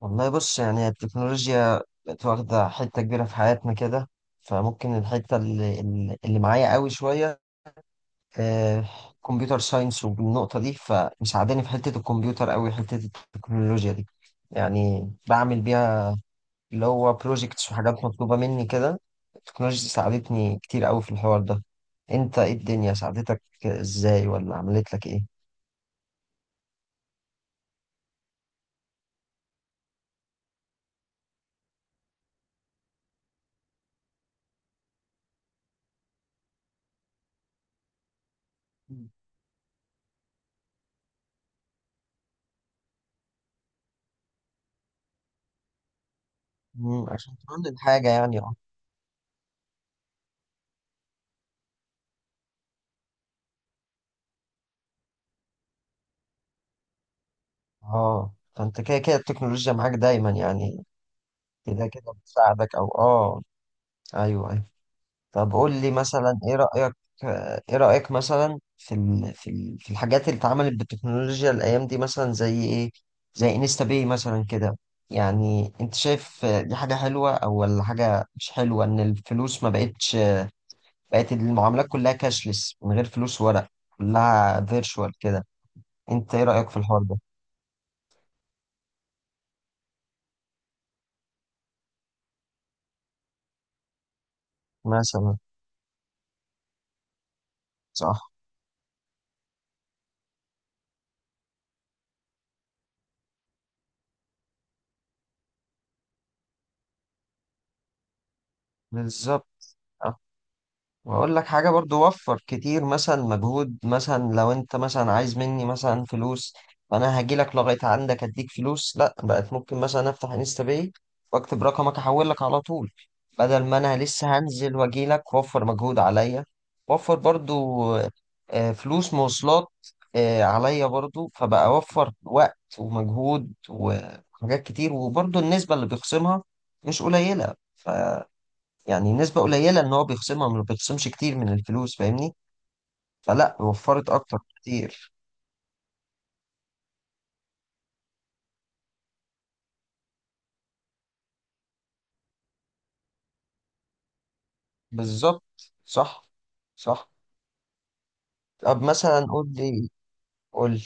والله بص يعني التكنولوجيا بقت واخدة حتة كبيرة في حياتنا كده. فممكن الحتة اللي معايا قوي شوية. كمبيوتر ساينس والنقطة دي فمساعداني في حتة الكمبيوتر قوي حتة التكنولوجيا دي. يعني بعمل بيها اللي هو بروجيكتس وحاجات مطلوبة مني كده. التكنولوجيا ساعدتني كتير قوي في الحوار ده. انت ايه الدنيا ساعدتك ازاي ولا عملت لك ايه؟ عشان تعمل حاجة يعني اه فانت كده كده التكنولوجيا معاك دايما يعني. كده كده بتساعدك او اه. ايوه ايوه. طب قول لي مثلا ايه رأيك. ايه رأيك مثلا في الحاجات اللي اتعملت بالتكنولوجيا الايام دي مثلا زي ايه؟ زي انستا باي مثلا كده. يعني انت شايف دي حاجة حلوة او ولا حاجة مش حلوة ان الفلوس ما بقتش؟ بقت المعاملات كلها كاشلس من غير فلوس ورق، كلها فيرتشوال كده. انت ايه رأيك في الحوار ده؟ مثلا. صح. بالظبط. واقول لك حاجه برضو وفر كتير مثلا مجهود، مثلا لو انت مثلا عايز مني مثلا فلوس، فانا هاجي لك لغايه عندك اديك فلوس. لا، بقت ممكن مثلا افتح انستا باي واكتب رقمك احول لك على طول. بدل ما انا لسه هنزل واجي لك وفر مجهود عليا. وفر برضو فلوس مواصلات عليا برضو، فبقى اوفر وقت ومجهود وحاجات كتير. وبرضو النسبه اللي بيخصمها مش قليله. يعني نسبة قليلة ان هو بيخصمها، ما بيخصمش كتير من الفلوس، فاهمني؟ فلا وفرت اكتر كتير. بالظبط. صح. صح. طب مثلا قول لي، قول لي.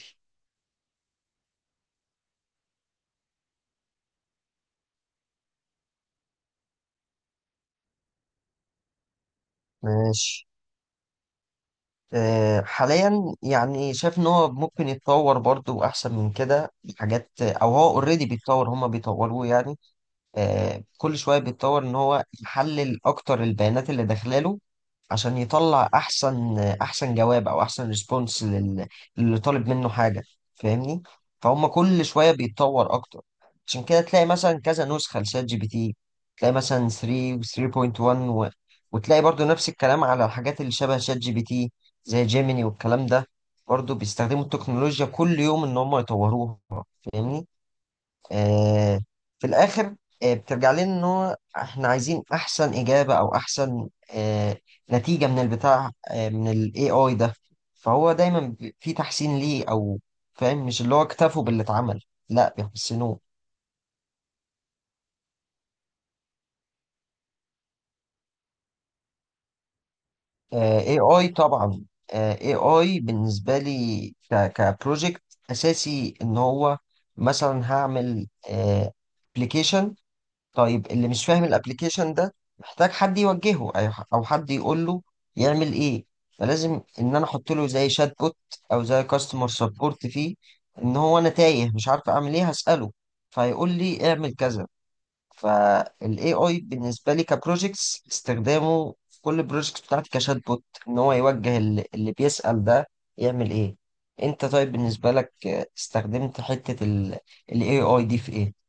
ماشي. أه حاليا، يعني شايف ان هو ممكن يتطور برضو احسن من كده حاجات. او هو اوريدي بيتطور، هما بيطوروه يعني. أه كل شوية بيتطور ان هو يحلل اكتر البيانات اللي داخلاله عشان يطلع احسن احسن جواب او احسن ريسبونس للي طالب منه حاجه، فاهمني؟ فهم كل شويه بيتطور اكتر. عشان كده تلاقي مثلا كذا نسخه لشات جي بي تي. تلاقي مثلا 3 و 3.1 و... وتلاقي برضو نفس الكلام على الحاجات اللي شبه شات جي بي تي زي جيميني والكلام ده. برضو بيستخدموا التكنولوجيا كل يوم ان هم يطوروها، فاهمني؟ آه، في الآخر بترجع لنا إن هو إحنا عايزين أحسن إجابة أو أحسن نتيجة من البتاع، من ال AI ده. فهو دايما في تحسين ليه، أو فاهم؟ مش اللي هو اكتفوا باللي اتعمل، لا بيحسنوه. AI طبعا. AI بالنسبة لي كبروجكت أساسي إن هو مثلا هعمل أبلكيشن. طيب اللي مش فاهم الابليكيشن ده محتاج حد يوجهه او حد يقول له يعمل ايه. فلازم ان انا احط له زي شات بوت او زي كاستمر سبورت فيه، ان هو انا تايه مش عارف اعمل ايه هساله فيقول لي اعمل كذا. فالاي اي بالنسبه لي كبروجكتس استخدامه في كل البروجكتس بتاعتي كشات بوت، ان هو يوجه اللي بيسال ده يعمل ايه. انت طيب بالنسبه لك استخدمت حته الاي اي دي في ايه؟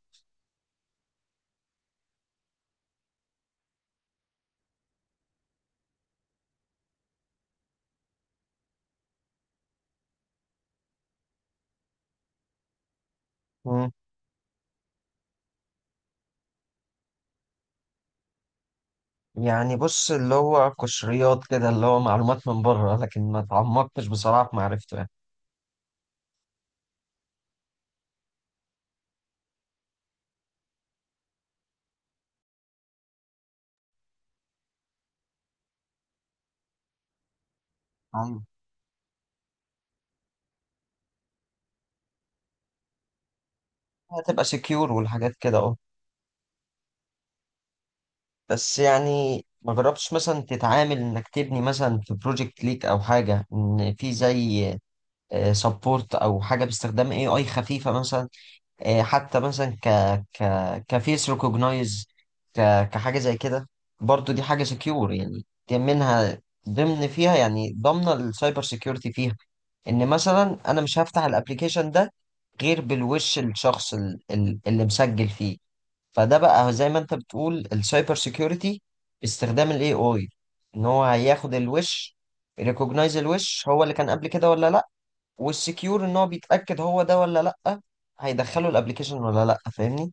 يعني بص اللي هو قشريات كده، اللي هو معلومات من بره، لكن ما اتعمقتش بصراحة في معرفته يعني. ايوه، هتبقى سكيور والحاجات كده اه. بس يعني ما جربتش مثلا تتعامل انك تبني مثلا في بروجكت ليك او حاجة، ان في زي سبورت او حاجة باستخدام اي اي خفيفة مثلا. حتى مثلا ك ك كفيس ريكوجنايز، ك كحاجة زي كده. برضو دي حاجة سكيور. يعني دي منها، ضمن فيها يعني ضمن السايبر سكيورتي فيها. ان مثلا انا مش هفتح الابليكيشن ده غير بالوش الشخص اللي مسجل فيه. فده بقى زي ما انت بتقول السايبر سيكيورتي باستخدام الاي اي، ان هو هياخد الوش، ريكوجنايز الوش هو اللي كان قبل كده ولا لا. والسكيور ان هو بيتاكد هو ده ولا لا، هيدخله الابليكيشن ولا لا، فاهمني؟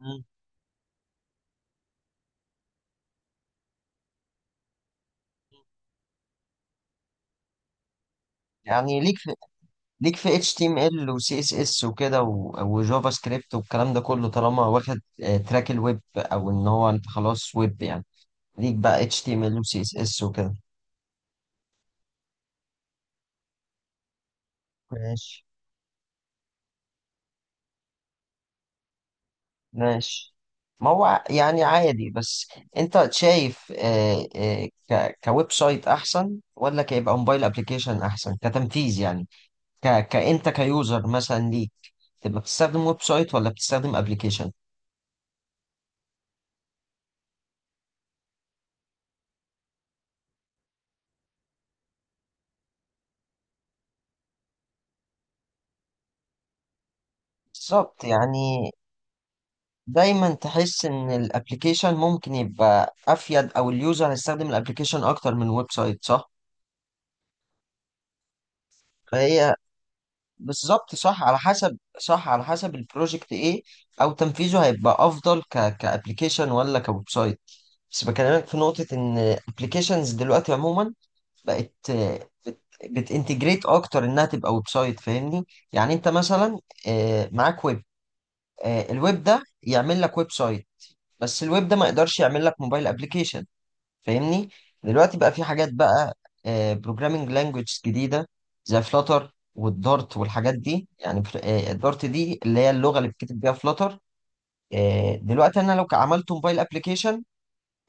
مم. يعني ليك في اتش تي ام ال وسي اس اس وكده وجافا سكريبت والكلام ده كله طالما واخد تراك الويب، او ان هو انت خلاص ويب يعني. ليك بقى HTML و CSS وكده. ماشي. ماشي. ما هو يعني عادي بس. انت شايف كويب سايت احسن ولا كيبقى موبايل ابلكيشن احسن كتنفيذ يعني؟ كانت كيوزر مثلا ليك تبقى بتستخدم ويب سايت ولا بتستخدم ابلكيشن؟ بالظبط يعني. دايما تحس ان الابلكيشن ممكن يبقى افيد، او اليوزر هيستخدم الابلكيشن اكتر من ويب سايت، صح. فهي بالظبط صح، على حسب، صح على حسب البروجكت ايه او تنفيذه هيبقى افضل كابلكيشن ولا كويب سايت. بس بكلمك في نقطة ان ابلكيشنز دلوقتي عموما بقت بت بتنتجريت اكتر انها تبقى ويب سايت، فاهمني؟ يعني انت مثلا معاك ويب، الويب ده يعمل لك ويب سايت. بس الويب ده ما يقدرش يعمل لك موبايل ابلكيشن، فاهمني؟ دلوقتي بقى في حاجات بقى بروجرامينج لانجويج جديده زي فلاتر والدارت والحاجات دي يعني. الدارت دي اللي هي اللغه اللي بتكتب بيها فلاتر. دلوقتي انا لو عملت موبايل ابلكيشن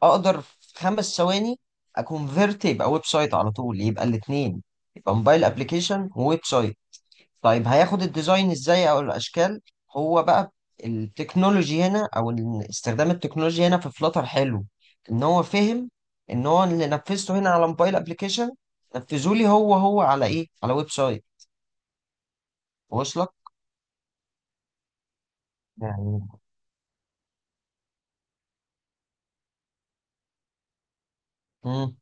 اقدر في 5 ثواني اكونفيرت يبقى ويب سايت على طول، يبقى الاثنين، يبقى موبايل ابلكيشن وويب سايت. طيب هياخد الديزاين ازاي او الاشكال؟ هو بقى التكنولوجي هنا، او استخدام التكنولوجي هنا في فلاتر حلو، ان هو فهم ان هو اللي نفذته هنا على موبايل ابلكيشن نفذه لي هو هو على ايه، على ويب سايت. واصلك يعني؟ مم.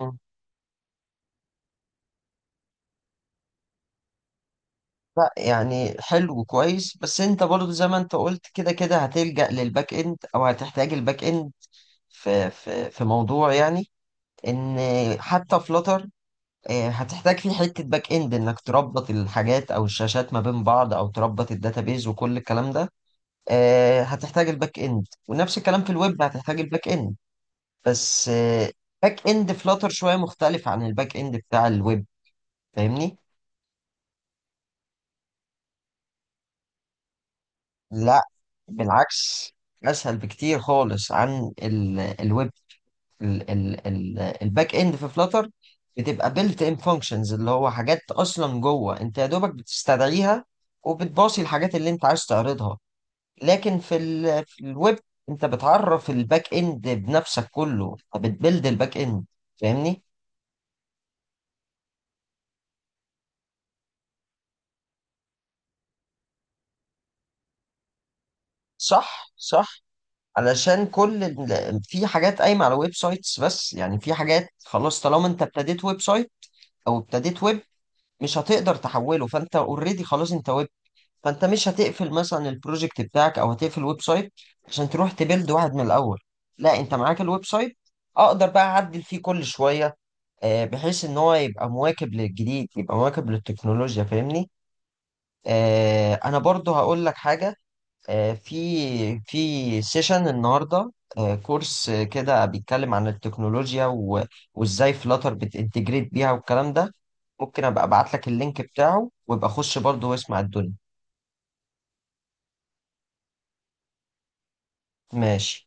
مم. لا يعني حلو كويس، بس انت برضو زي ما انت قلت كده كده هتلجأ للباك اند او هتحتاج الباك اند في موضوع يعني. ان حتى فلاتر هتحتاج فيه حتة باك اند انك تربط الحاجات او الشاشات ما بين بعض او تربط الداتابيز وكل الكلام ده. هتحتاج الباك اند، ونفس الكلام في الويب هتحتاج الباك اند. بس باك اند فلاتر شوية مختلف عن الباك اند بتاع الويب، فاهمني؟ لا بالعكس. اسهل بكتير خالص عن الويب. الباك اند في فلاتر بتبقى بيلت ان فانكشنز، اللي هو حاجات اصلا جوه انت يا دوبك بتستدعيها وبتباصي الحاجات اللي انت عايز تعرضها. لكن في الويب انت بتعرف الباك اند بنفسك كله، فبتبلد الباك اند، فاهمني؟ صح. صح. علشان كل في حاجات قايمه على ويب سايتس. بس يعني في حاجات خلاص طالما انت ابتديت ويب سايت او ابتديت ويب مش هتقدر تحوله، فانت اوريدي خلاص انت ويب. فانت مش هتقفل مثلا البروجكت بتاعك او هتقفل الويب سايت عشان تروح تبيلد واحد من الاول. لا، انت معاك الويب سايت، اقدر بقى اعدل فيه كل شويه بحيث ان هو يبقى مواكب للجديد، يبقى مواكب للتكنولوجيا، فاهمني؟ انا برضو هقول لك حاجة. في في سيشن النهاردة كورس كده بيتكلم عن التكنولوجيا وازاي فلاتر بتنتجريت بيها والكلام ده. ممكن ابقى ابعت لك اللينك بتاعه وابقى خش برضو واسمع الدنيا. ماشي.